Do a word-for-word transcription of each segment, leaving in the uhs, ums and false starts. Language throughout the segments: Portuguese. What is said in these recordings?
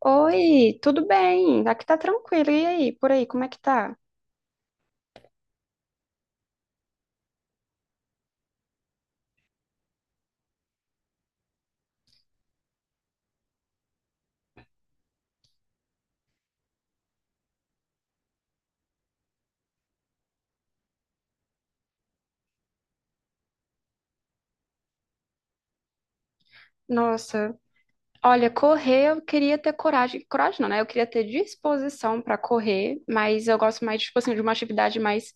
Oi, tudo bem? Aqui tá tranquilo. E aí, por aí, como é que tá? Nossa, olha, correr eu queria ter coragem. Coragem não, né? Eu queria ter disposição pra correr, mas eu gosto mais, tipo assim, de uma atividade mais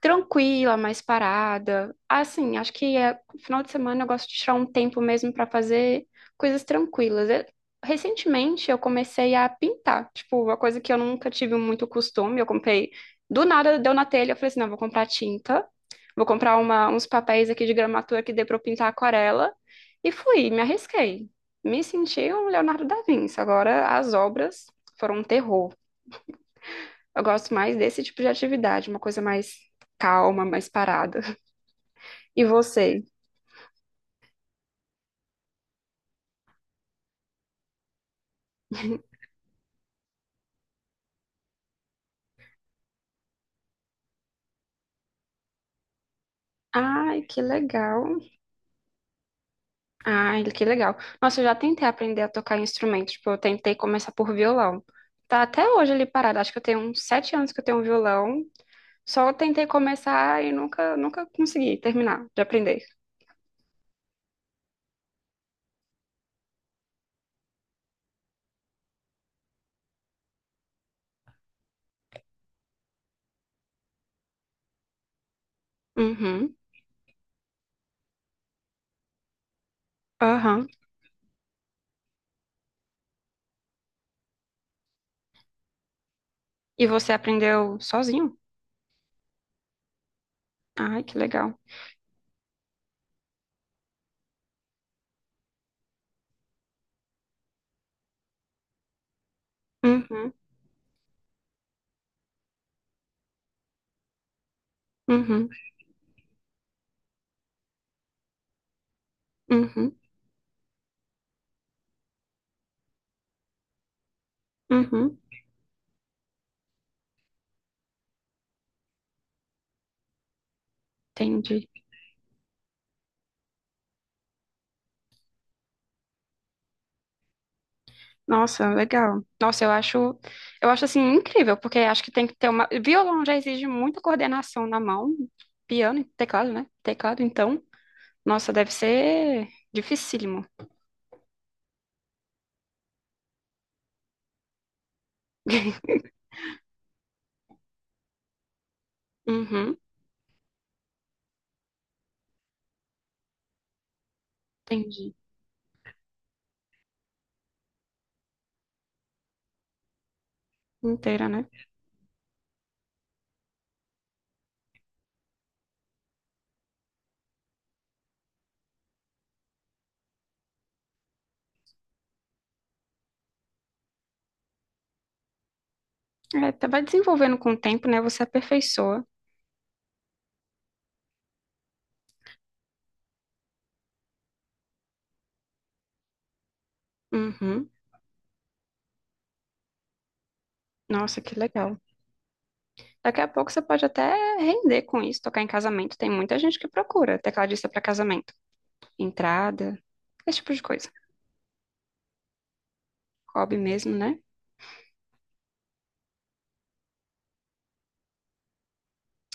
tranquila, mais parada. Assim, acho que é, final de semana eu gosto de tirar um tempo mesmo para fazer coisas tranquilas. Eu- recentemente eu comecei a pintar, tipo, uma coisa que eu nunca tive muito costume. Eu comprei, do nada deu na telha, eu falei assim, não, vou comprar tinta, vou comprar uma- uns papéis aqui de gramatura que dê para eu pintar aquarela e fui, me arrisquei. Me senti um Leonardo da Vinci. Agora as obras foram um terror. Eu gosto mais desse tipo de atividade, uma coisa mais calma, mais parada. E você? Ai, que legal. Ai, que legal. Nossa, eu já tentei aprender a tocar instrumento. Tipo, eu tentei começar por violão. Tá até hoje ali parado. Acho que eu tenho uns sete anos que eu tenho um violão. Só tentei começar e nunca, nunca consegui terminar de aprender. Uhum, aham. E você aprendeu sozinho? Ai, que legal. Uhum, uhum, uhum, uhum. Entendi. Nossa, legal. Nossa, eu acho, eu acho assim incrível, porque acho que tem que ter uma. Violão já exige muita coordenação na mão, piano e teclado, né? Teclado, então, nossa, deve ser dificílimo. Uhum, entendi. Inteira, né? É, tá- vai desenvolvendo com o tempo, né? Você aperfeiçoa. Uhum. Nossa, que legal. Daqui a pouco você pode até render com isso, tocar em casamento. Tem muita gente que procura tecladista para casamento. Entrada, esse tipo de coisa. Hobby mesmo, né?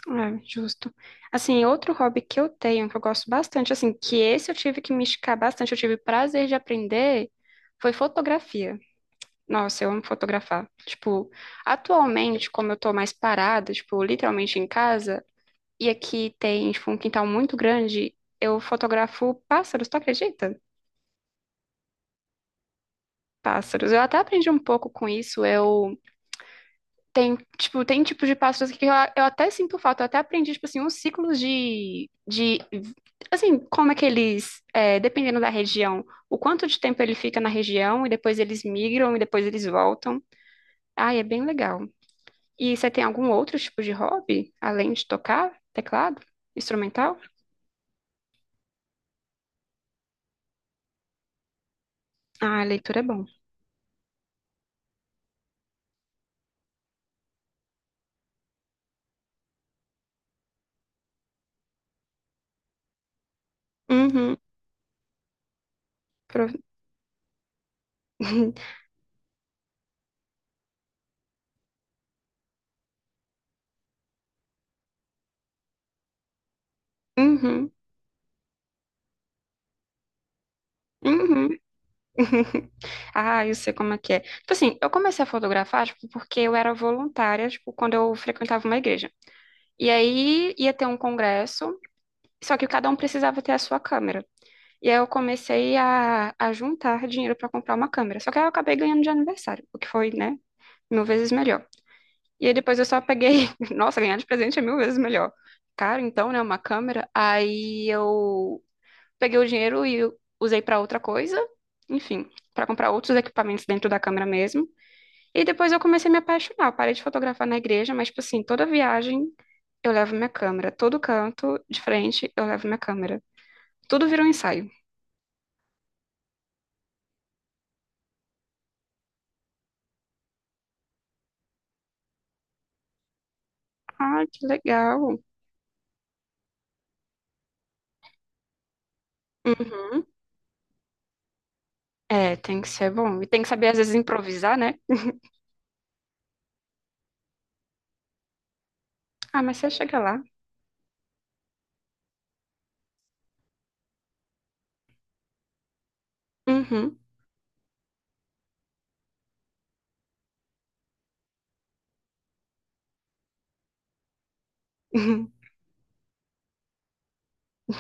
É, justo. Assim, outro hobby que eu tenho, que eu gosto bastante, assim, que esse eu tive que me esticar bastante, eu tive prazer de aprender, foi fotografia. Nossa, eu amo fotografar. Tipo, atualmente, como eu tô mais parada, tipo, literalmente em casa, e aqui tem, tipo, um quintal muito grande, eu fotografo pássaros, tu acredita? Pássaros. Eu até aprendi um pouco com isso. Eu Tem, tipo, tem tipos de passos que eu, eu até sinto falta. Eu até aprendi, tipo assim, uns ciclos de, de assim, como é que eles, é, dependendo da região, o quanto de tempo ele fica na região, e depois eles migram, e depois eles voltam. Ai, é bem legal. E você tem algum outro tipo de hobby, além de tocar teclado, instrumental? Ah, leitura é bom. Uhum. Pro- Uhum. Uhum. Ah, eu sei como é que é. Tipo assim, eu comecei a fotografar, tipo, porque eu era voluntária, tipo, quando eu frequentava uma igreja. E aí ia ter um congresso, só que cada um precisava ter a sua câmera. E aí eu comecei a, a juntar dinheiro para comprar uma câmera. Só que aí eu acabei ganhando de aniversário, o que foi, né, mil vezes melhor. E aí depois eu só peguei, nossa, ganhar de presente é mil vezes melhor. Caro, então, né, uma câmera. Aí eu peguei o dinheiro e usei para outra coisa, enfim, para comprar outros equipamentos dentro da câmera mesmo. E depois eu comecei a me apaixonar. Eu parei de fotografar na igreja, mas, tipo assim, toda viagem eu levo minha câmera. Todo canto de frente eu levo minha câmera. Tudo vira um ensaio. Ah, que legal. Uhum. É, tem que ser bom. E tem que saber, às vezes, improvisar, né? Ah, mas você chega lá. Uhum.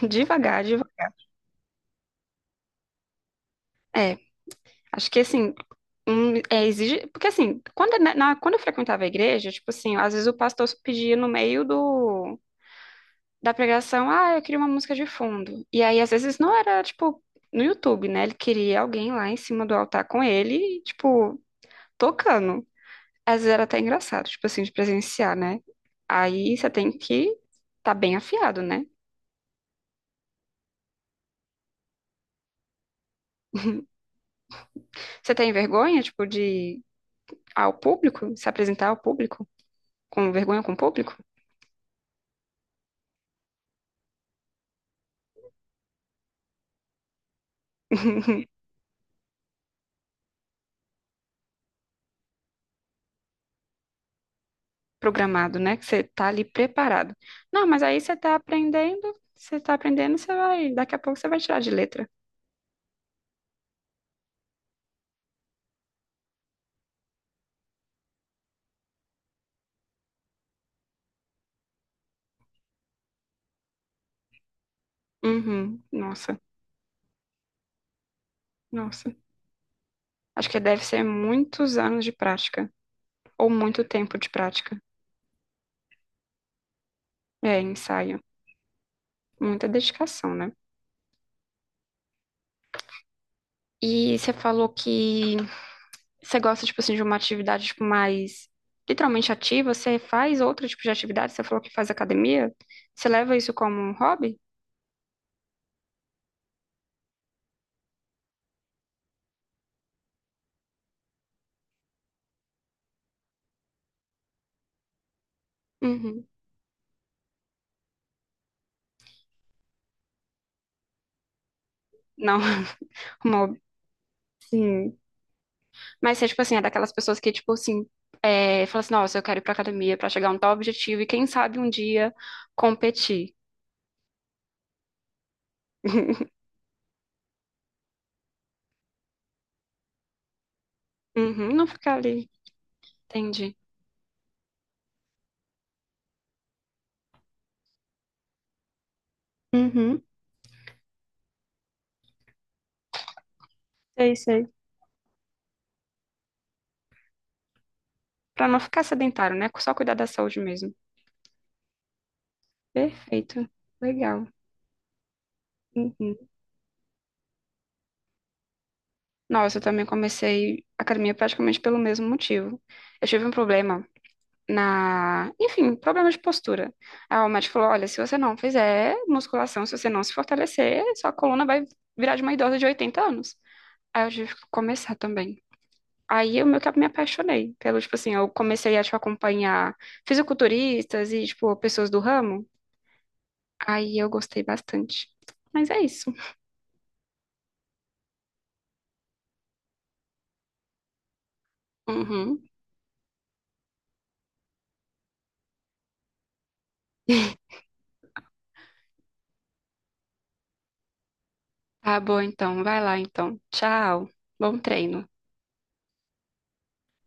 Devagar, devagar. É, acho que assim, Hum, é, exige, porque assim, quando, na, na- quando eu frequentava a igreja, tipo assim, às vezes o pastor pedia no meio do, da pregação, ah, eu queria uma música de fundo. E aí, às vezes, não era, tipo, no YouTube, né? Ele queria alguém lá em cima do altar com ele, e, tipo, tocando. Às vezes era até engraçado, tipo assim, de presenciar, né? Aí você tem que tá bem afiado, né? Você tem vergonha, tipo, de ao público, se apresentar ao público? Com vergonha com o público? Programado, né? Que você tá ali preparado. Não, mas aí você tá aprendendo, você tá aprendendo, você vai, daqui a pouco você vai tirar de letra. Uhum. Nossa, nossa. Acho que deve ser muitos anos de prática, ou muito tempo de prática. É, ensaio. Muita dedicação, né? E você falou que você gosta, tipo assim, de uma atividade, tipo, mais literalmente ativa. Você faz outro tipo de atividade? Você falou que faz academia? Você leva isso como um hobby? Uhum. Não, um hobby. Sim. Mas você, tipo assim, é daquelas pessoas que, tipo assim, é, fala assim, nossa, eu quero ir pra academia pra chegar a um tal objetivo e quem sabe um dia competir. Uhum, não ficar ali, entendi. Uhum, sei, sei. Pra não ficar sedentário, né? Só cuidar da saúde mesmo. Perfeito, legal. Uhum. Nossa, eu também comecei academia praticamente pelo mesmo motivo. Eu tive um problema na, enfim, problemas de postura. Aí o médico falou: olha, se você não fizer musculação, se você não se fortalecer, sua coluna vai virar de uma idosa de oitenta anos. Aí eu tive que começar também. Aí eu meio que me apaixonei pelo, tipo assim, eu comecei a, tipo, acompanhar fisiculturistas e, tipo, pessoas do ramo. Aí eu gostei bastante. Mas é isso. Uhum. Tá bom, então. Vai lá, então. Tchau. Bom treino.